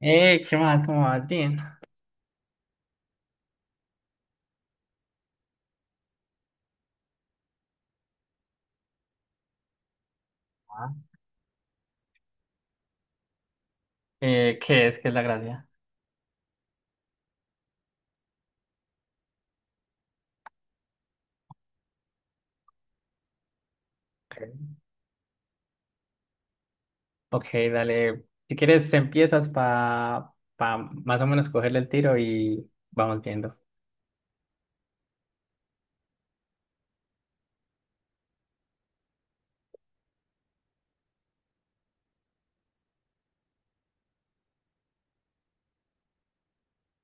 ¿Qué más? ¿Cómo vas? Bien. Ah, ¿qué es? ¿Qué es la gracia? Ok. Ok, dale. Si quieres, empiezas para pa pa más o menos cogerle el tiro y vamos viendo.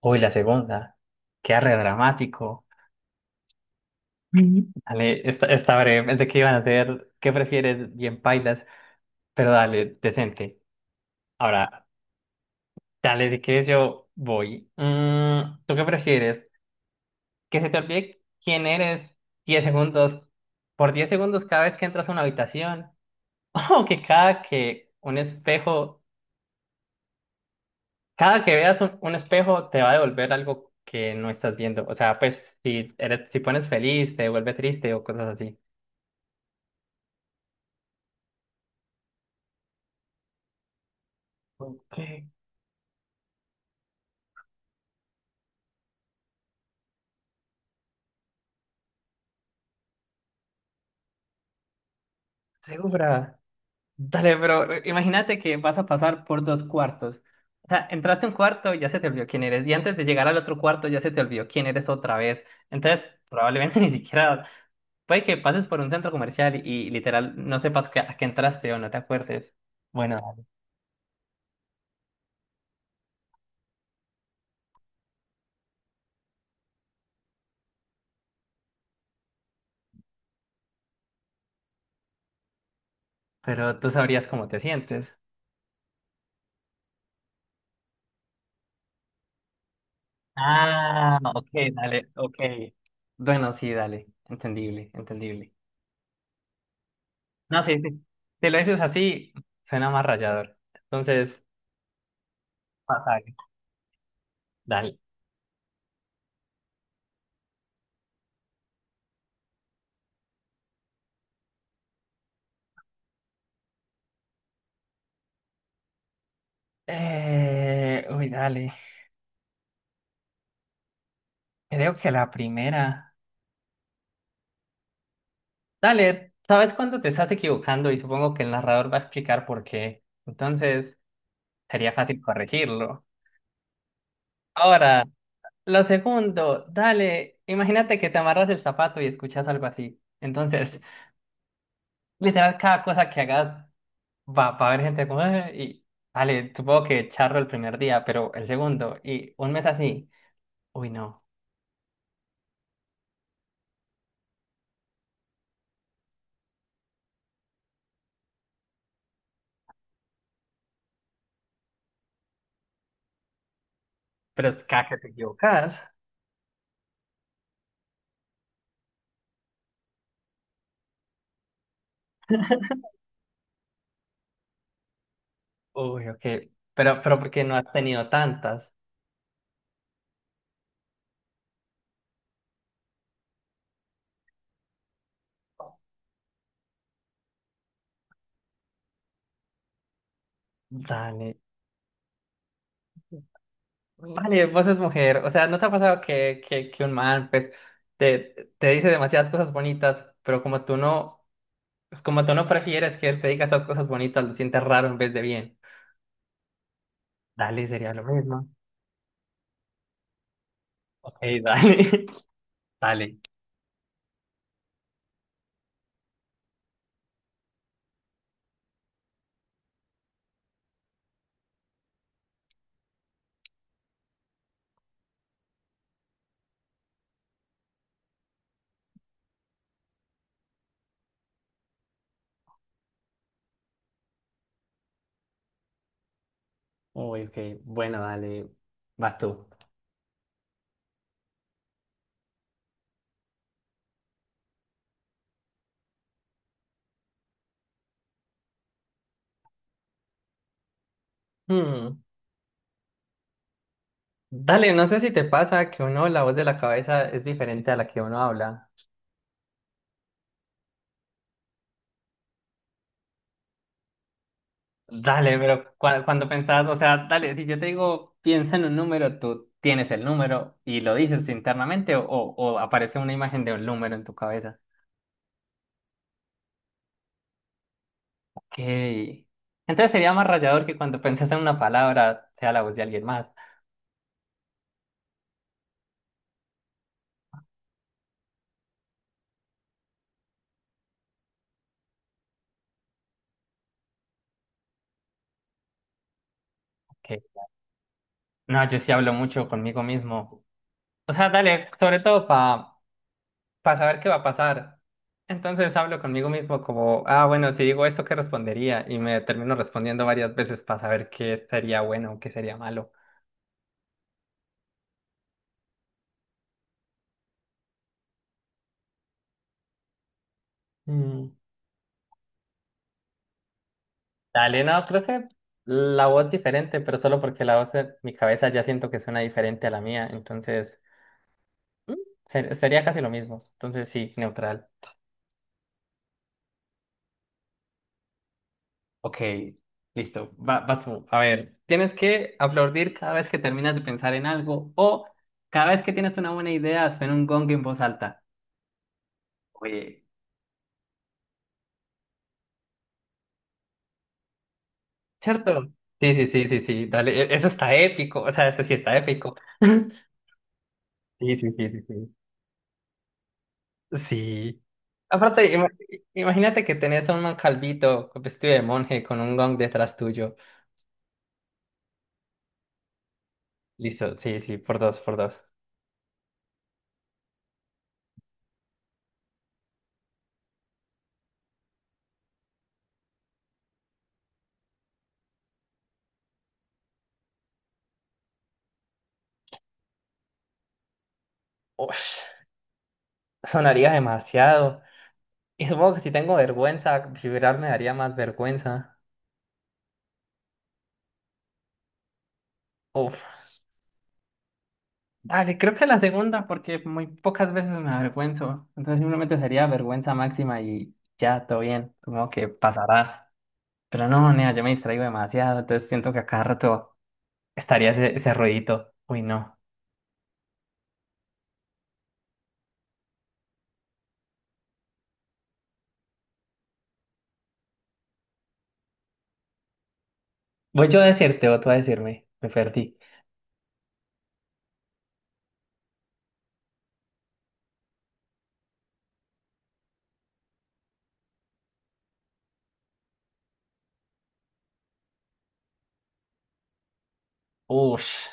Uy, la segunda. Qué arre dramático. Mm. Dale, esta breve. Pensé que iban a hacer ¿qué prefieres? Bien pailas, pero dale, decente. Ahora, dale, si quieres yo voy. Mm, ¿tú qué prefieres? Que se te olvide quién eres 10 segundos, por 10 segundos cada vez que entras a una habitación. O que cada que veas un espejo te va a devolver algo que no estás viendo. O sea, pues si pones feliz, te devuelve triste o cosas así. Como, ¿qué? ¿Segura? Dale, pero imagínate que vas a pasar por dos cuartos. O sea, entraste a un cuarto, ya se te olvidó quién eres. Y antes de llegar al otro cuarto, ya se te olvidó quién eres otra vez. Entonces, probablemente ni siquiera, puede que pases por un centro comercial y literal no sepas a qué entraste o no te acuerdes. Bueno, pero tú sabrías cómo te sientes. Ah, ok, dale, ok. Bueno, sí, dale, entendible, entendible. No, sí, sí. Si lo dices así, suena más rayador. Entonces, fatal. Dale. Uy, dale. Creo que la primera. Dale, ¿sabes cuándo te estás equivocando? Y supongo que el narrador va a explicar por qué. Entonces, sería fácil corregirlo. Ahora, lo segundo, dale. Imagínate que te amarras el zapato y escuchas algo así. Entonces, literal, cada cosa que hagas va a haber gente como, y vale, supongo que charro el primer día, pero el segundo, y un mes así, uy, no, pero es cada que te equivocas, uy, ok, pero porque no has tenido tantas, dale, vale, vos sos mujer, o sea, ¿no te ha pasado que un man, pues, te dice demasiadas cosas bonitas, pero como tú no prefieres que él te diga estas cosas bonitas, lo sientes raro en vez de bien, dale, sería lo mismo, ok, dale, dale. Uy, ok. Bueno, dale, vas tú. Hmm, dale, no sé si te pasa que uno, la voz de la cabeza es diferente a la que uno habla. Dale, pero cuando pensás, o sea, dale, si yo te digo, piensa en un número, tú tienes el número y lo dices internamente o aparece una imagen de un número en tu cabeza. Ok. Entonces sería más rayador que cuando pensás en una palabra sea la voz de alguien más. Ok. No, yo sí hablo mucho conmigo mismo. O sea, dale, sobre todo para saber qué va a pasar. Entonces hablo conmigo mismo como, ah, bueno, si digo esto, ¿qué respondería? Y me termino respondiendo varias veces para saber qué sería bueno o qué sería malo. Mm, dale, no, creo que la voz diferente, pero solo porque la voz de mi cabeza ya siento que suena diferente a la mía, entonces mm, sería casi lo mismo. Entonces sí, neutral. Ok, listo, vas tú. A ver, tienes que aplaudir cada vez que terminas de pensar en algo o cada vez que tienes una buena idea, suena un gong en voz alta. Oye, ¿cierto? Sí, sí, sí, sí, sí, dale, eso está épico, o sea, eso sí está épico. Sí, sí, sí, sí, sí. Sí. Aparte, imagínate que tenés a un calvito con vestido de monje con un gong detrás tuyo. Listo, sí, sí, por dos, por dos. Ush, sonaría demasiado. Y supongo que si tengo vergüenza, vibrar me daría más vergüenza. Uf. Dale, creo que la segunda, porque muy pocas veces me avergüenzo. Entonces simplemente sería vergüenza máxima y ya, todo bien. Supongo que pasará. Pero no, nea, yo me distraigo demasiado. Entonces siento que a cada rato estaría ese ruidito. Uy, no. Voy yo a decirte o tú a decirme. Me perdí. Ush.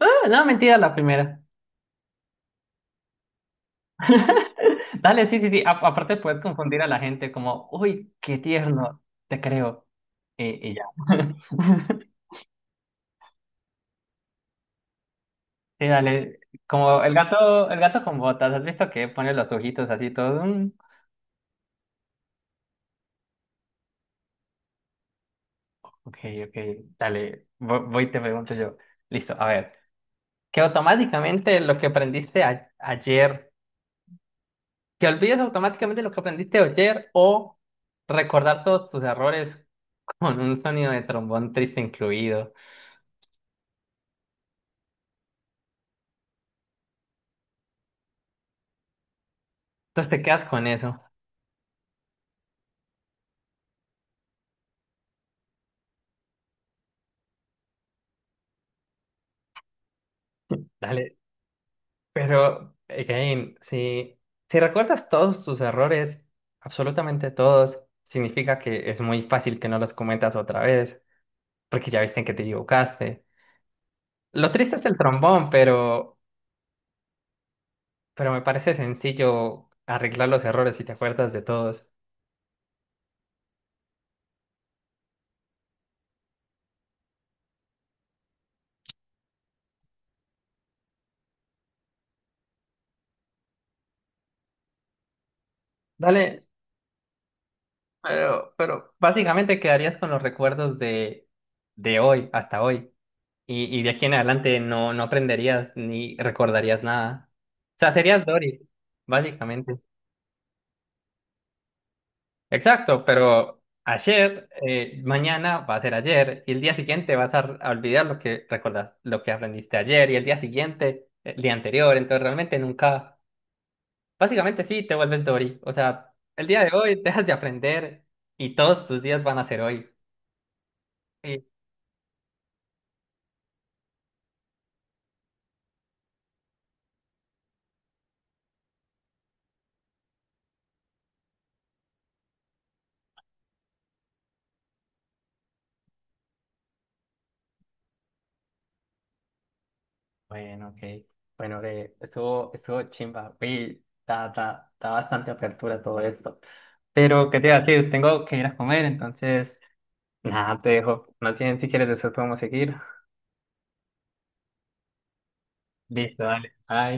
Ah, no, mentira, la primera. Dale, sí, sí, sí. Aparte puedes confundir a la gente como, uy, qué tierno, te creo. Y ya. Sí, dale, como el gato con botas, ¿has visto que pone los ojitos así todos? Mm, ok, ok, dale, voy y te pregunto yo. Listo, a ver, que automáticamente lo que aprendiste a- ayer, que olvides automáticamente lo que aprendiste ayer o recordar todos tus errores con un sonido de trombón triste incluido. Entonces te quedas con eso. Dale. Pero, again, si recuerdas todos tus errores, absolutamente todos, significa que es muy fácil que no los cometas otra vez, porque ya viste en que te equivocaste. Lo triste es el trombón, pero me parece sencillo arreglar los errores si te acuerdas de todos. Dale, pero básicamente quedarías con los recuerdos de hoy, hasta hoy, y de aquí en adelante no aprenderías ni recordarías nada. O sea, serías Dory, básicamente. Exacto, pero ayer, mañana va a ser ayer y el día siguiente vas a olvidar lo que recordás, lo que aprendiste ayer y el día siguiente, el día anterior, entonces realmente nunca, básicamente sí, te vuelves Dory, o sea, el día de hoy dejas de aprender y todos tus días van a ser hoy. Y, bueno, ok, bueno, que estuvo chimba, uy, da bastante apertura todo esto. Pero, ¿qué te iba a decir? Tengo que ir a comer, entonces, nada, te dejo. No tienen, si quieres, después podemos seguir. Listo, dale. Bye.